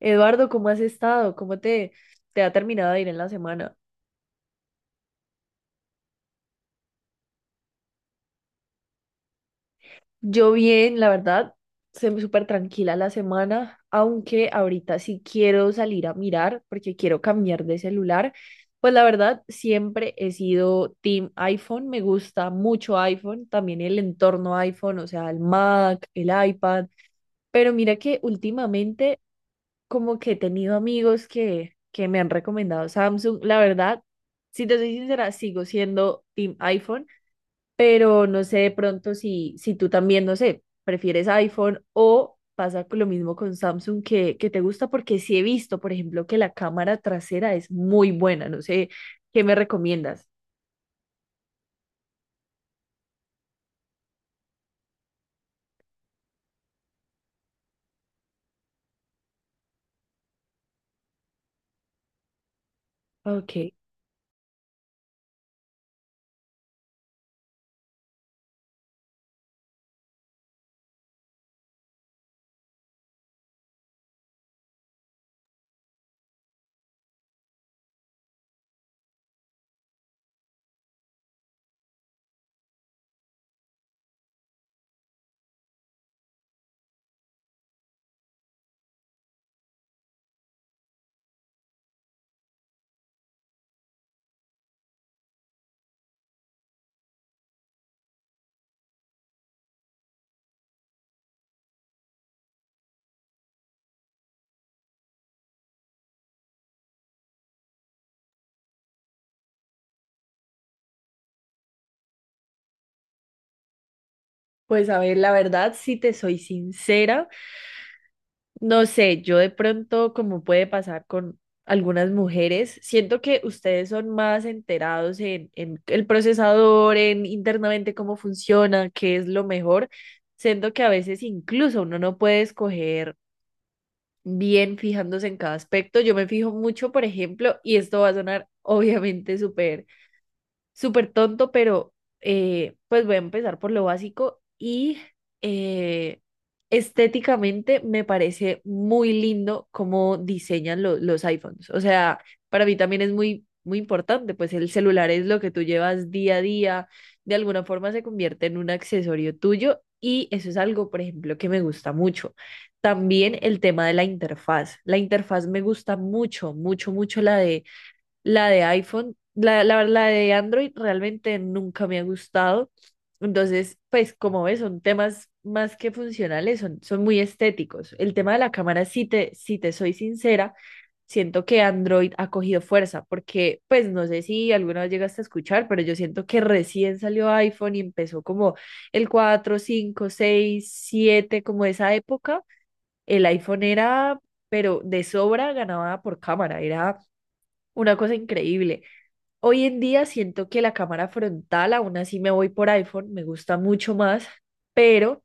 Eduardo, ¿cómo has estado? ¿Cómo te ha terminado de ir en la semana? Yo bien, la verdad, se me súper tranquila la semana, aunque ahorita sí quiero salir a mirar porque quiero cambiar de celular. Pues la verdad, siempre he sido team iPhone, me gusta mucho iPhone, también el entorno iPhone, o sea, el Mac, el iPad, pero mira que últimamente como que he tenido amigos que me han recomendado Samsung. La verdad, si te soy sincera, sigo siendo Team iPhone, pero no sé de pronto si tú también, no sé, prefieres iPhone o pasa con lo mismo con Samsung que te gusta, porque sí he visto, por ejemplo, que la cámara trasera es muy buena. No sé, ¿qué me recomiendas? Ok, pues a ver, la verdad, si te soy sincera. No sé, yo de pronto, como puede pasar con algunas mujeres, siento que ustedes son más enterados en el procesador, en internamente cómo funciona, qué es lo mejor. Siento que a veces incluso uno no puede escoger bien fijándose en cada aspecto. Yo me fijo mucho, por ejemplo, y esto va a sonar obviamente súper súper tonto, pero pues voy a empezar por lo básico y eh, estéticamente me parece muy lindo cómo diseñan los iPhones. O sea, para mí también es muy, muy importante, pues el celular es lo que tú llevas día a día, de alguna forma se convierte en un accesorio tuyo y eso es algo, por ejemplo, que me gusta mucho. También el tema de la interfaz. La interfaz me gusta mucho, mucho, mucho la de iPhone, la de Android realmente nunca me ha gustado. Entonces, pues como ves, son temas más que funcionales, son muy estéticos. El tema de la cámara, si te soy sincera, siento que Android ha cogido fuerza, porque pues no sé si alguna vez llegaste a escuchar, pero yo siento que recién salió iPhone y empezó como el 4, 5, 6, 7 como esa época, el iPhone era, pero de sobra ganaba por cámara, era una cosa increíble. Hoy en día siento que la cámara frontal, aún así me voy por iPhone, me gusta mucho más, pero,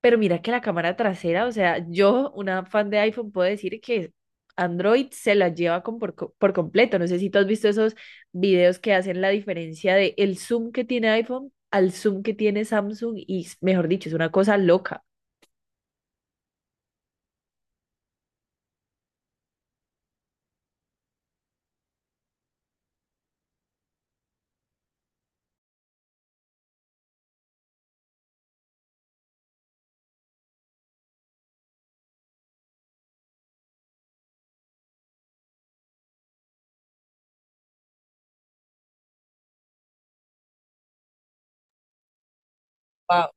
pero mira que la cámara trasera, o sea, yo, una fan de iPhone, puedo decir que Android se la lleva por completo. No sé si tú has visto esos videos que hacen la diferencia de el zoom que tiene iPhone al zoom que tiene Samsung y, mejor dicho, es una cosa loca. Wow.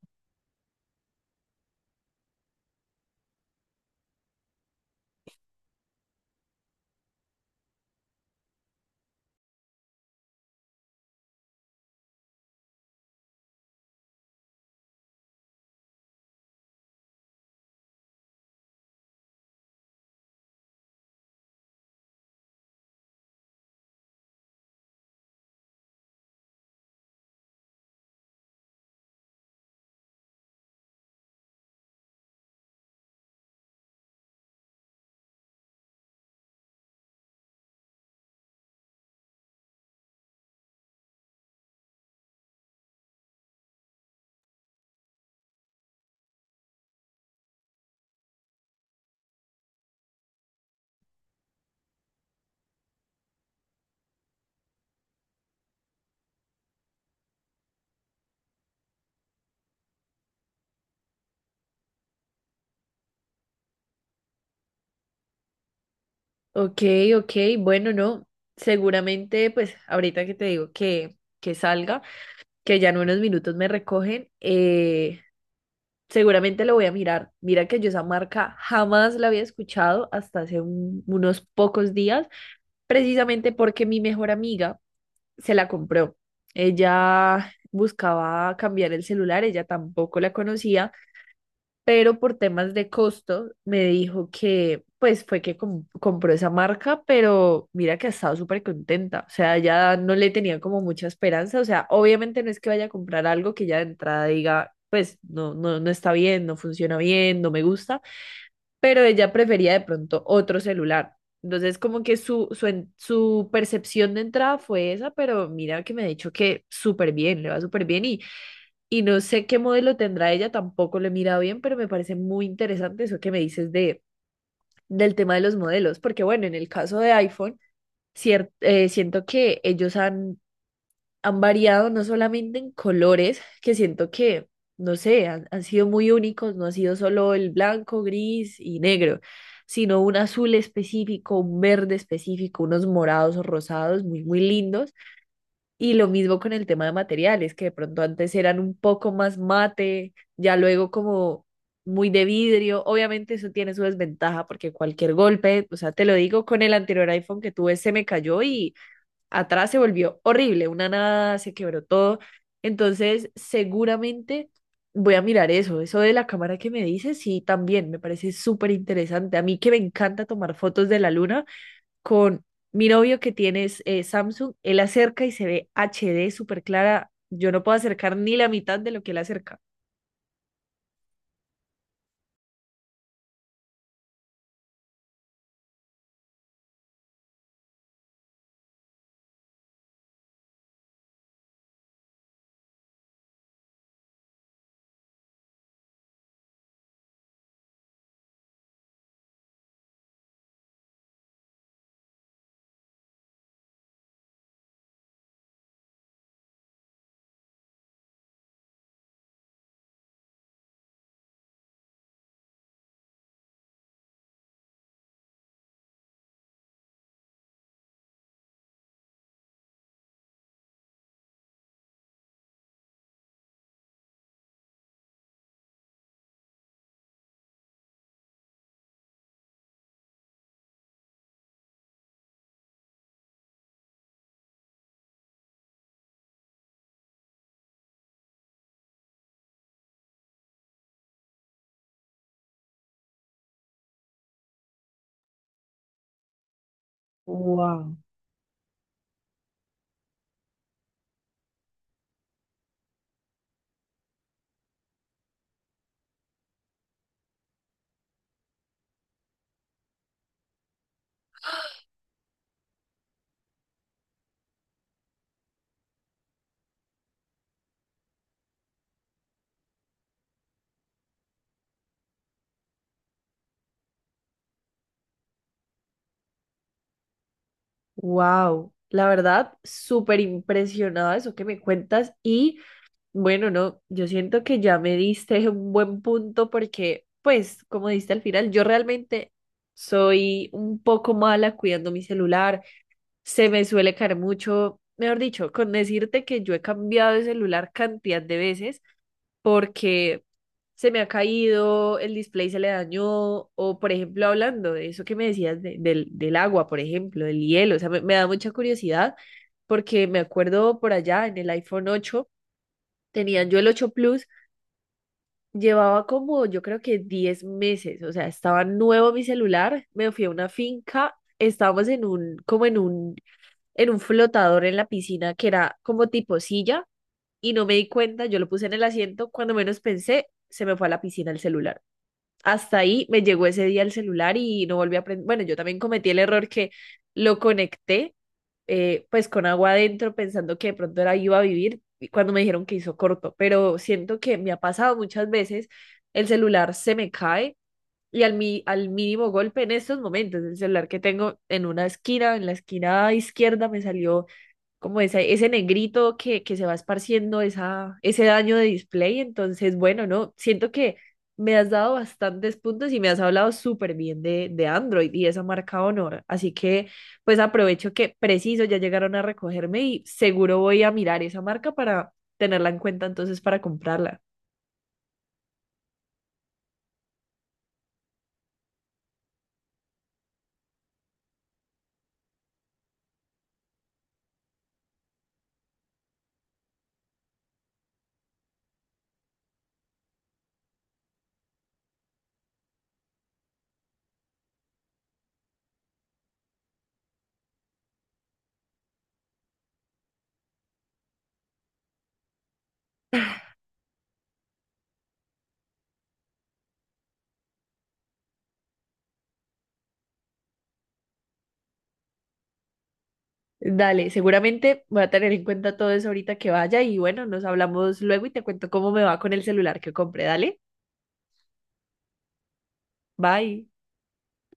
Ok, ok, bueno, no, seguramente, pues ahorita que te digo que salga. Que ya en unos minutos me recogen, seguramente lo voy a mirar. Mira que yo esa marca jamás la había escuchado hasta hace unos pocos días, precisamente porque mi mejor amiga se la compró. Ella buscaba cambiar el celular, ella tampoco la conocía pero por temas de costo me dijo que pues fue que compró esa marca, pero mira que ha estado súper contenta, o sea, ya no le tenía como mucha esperanza, o sea, obviamente no es que vaya a comprar algo que ya de entrada diga, pues no, no, no está bien, no funciona bien, no me gusta, pero ella prefería de pronto otro celular. Entonces, como que su percepción de entrada fue esa, pero mira que me ha dicho que súper bien, le va súper bien y no sé qué modelo tendrá ella, tampoco lo he mirado bien, pero me parece muy interesante eso que me dices de, del tema de los modelos, porque bueno, en el caso de iPhone, siento que han variado no solamente en colores, que siento que, no sé, han sido muy únicos, no ha sido solo el blanco, gris y negro, sino un azul específico, un verde específico, unos morados o rosados muy, muy lindos y lo mismo con el tema de materiales, que de pronto antes eran un poco más mate, ya luego como muy de vidrio. Obviamente eso tiene su desventaja porque cualquier golpe, o sea, te lo digo, con el anterior iPhone que tuve se me cayó y atrás se volvió horrible, una nada, se quebró todo. Entonces, seguramente voy a mirar eso, eso de la cámara que me dices, sí, también me parece súper interesante. A mí que me encanta tomar fotos de la luna con mi novio que tiene es, Samsung, él acerca y se ve HD súper clara. Yo no puedo acercar ni la mitad de lo que él acerca. Wow. Wow, la verdad, súper impresionada de eso que me cuentas y bueno, no, yo siento que ya me diste un buen punto porque pues como diste al final, yo realmente soy un poco mala cuidando mi celular, se me suele caer mucho, mejor dicho, con decirte que yo he cambiado de celular cantidad de veces porque se me ha caído, el display se le dañó, o por ejemplo, hablando de eso que me decías del agua, por ejemplo, del hielo, o sea, me da mucha curiosidad porque me acuerdo por allá en el iPhone 8 tenían yo el 8 Plus, llevaba como yo creo que 10 meses, o sea, estaba nuevo mi celular, me fui a una finca, estábamos en un flotador en la piscina que era como tipo silla y no me di cuenta, yo lo puse en el asiento, cuando menos pensé, se me fue a la piscina el celular. Hasta ahí me llegó ese día el celular y no volví a aprender. Bueno, yo también cometí el error que lo conecté pues con agua adentro pensando que de pronto era iba a vivir y cuando me dijeron que hizo corto, pero siento que me ha pasado muchas veces, el celular se me cae y al mínimo golpe en estos momentos, el celular que tengo en una esquina, en la esquina izquierda me salió como ese negrito que se va esparciendo ese daño de display. Entonces, bueno, no, siento que me has dado bastantes puntos y me has hablado súper bien de Android y esa marca Honor. Así que, pues aprovecho que preciso, ya llegaron a recogerme y seguro voy a mirar esa marca para tenerla en cuenta entonces para comprarla. Dale, seguramente voy a tener en cuenta todo eso ahorita que vaya y bueno, nos hablamos luego y te cuento cómo me va con el celular que compré. Dale, bye.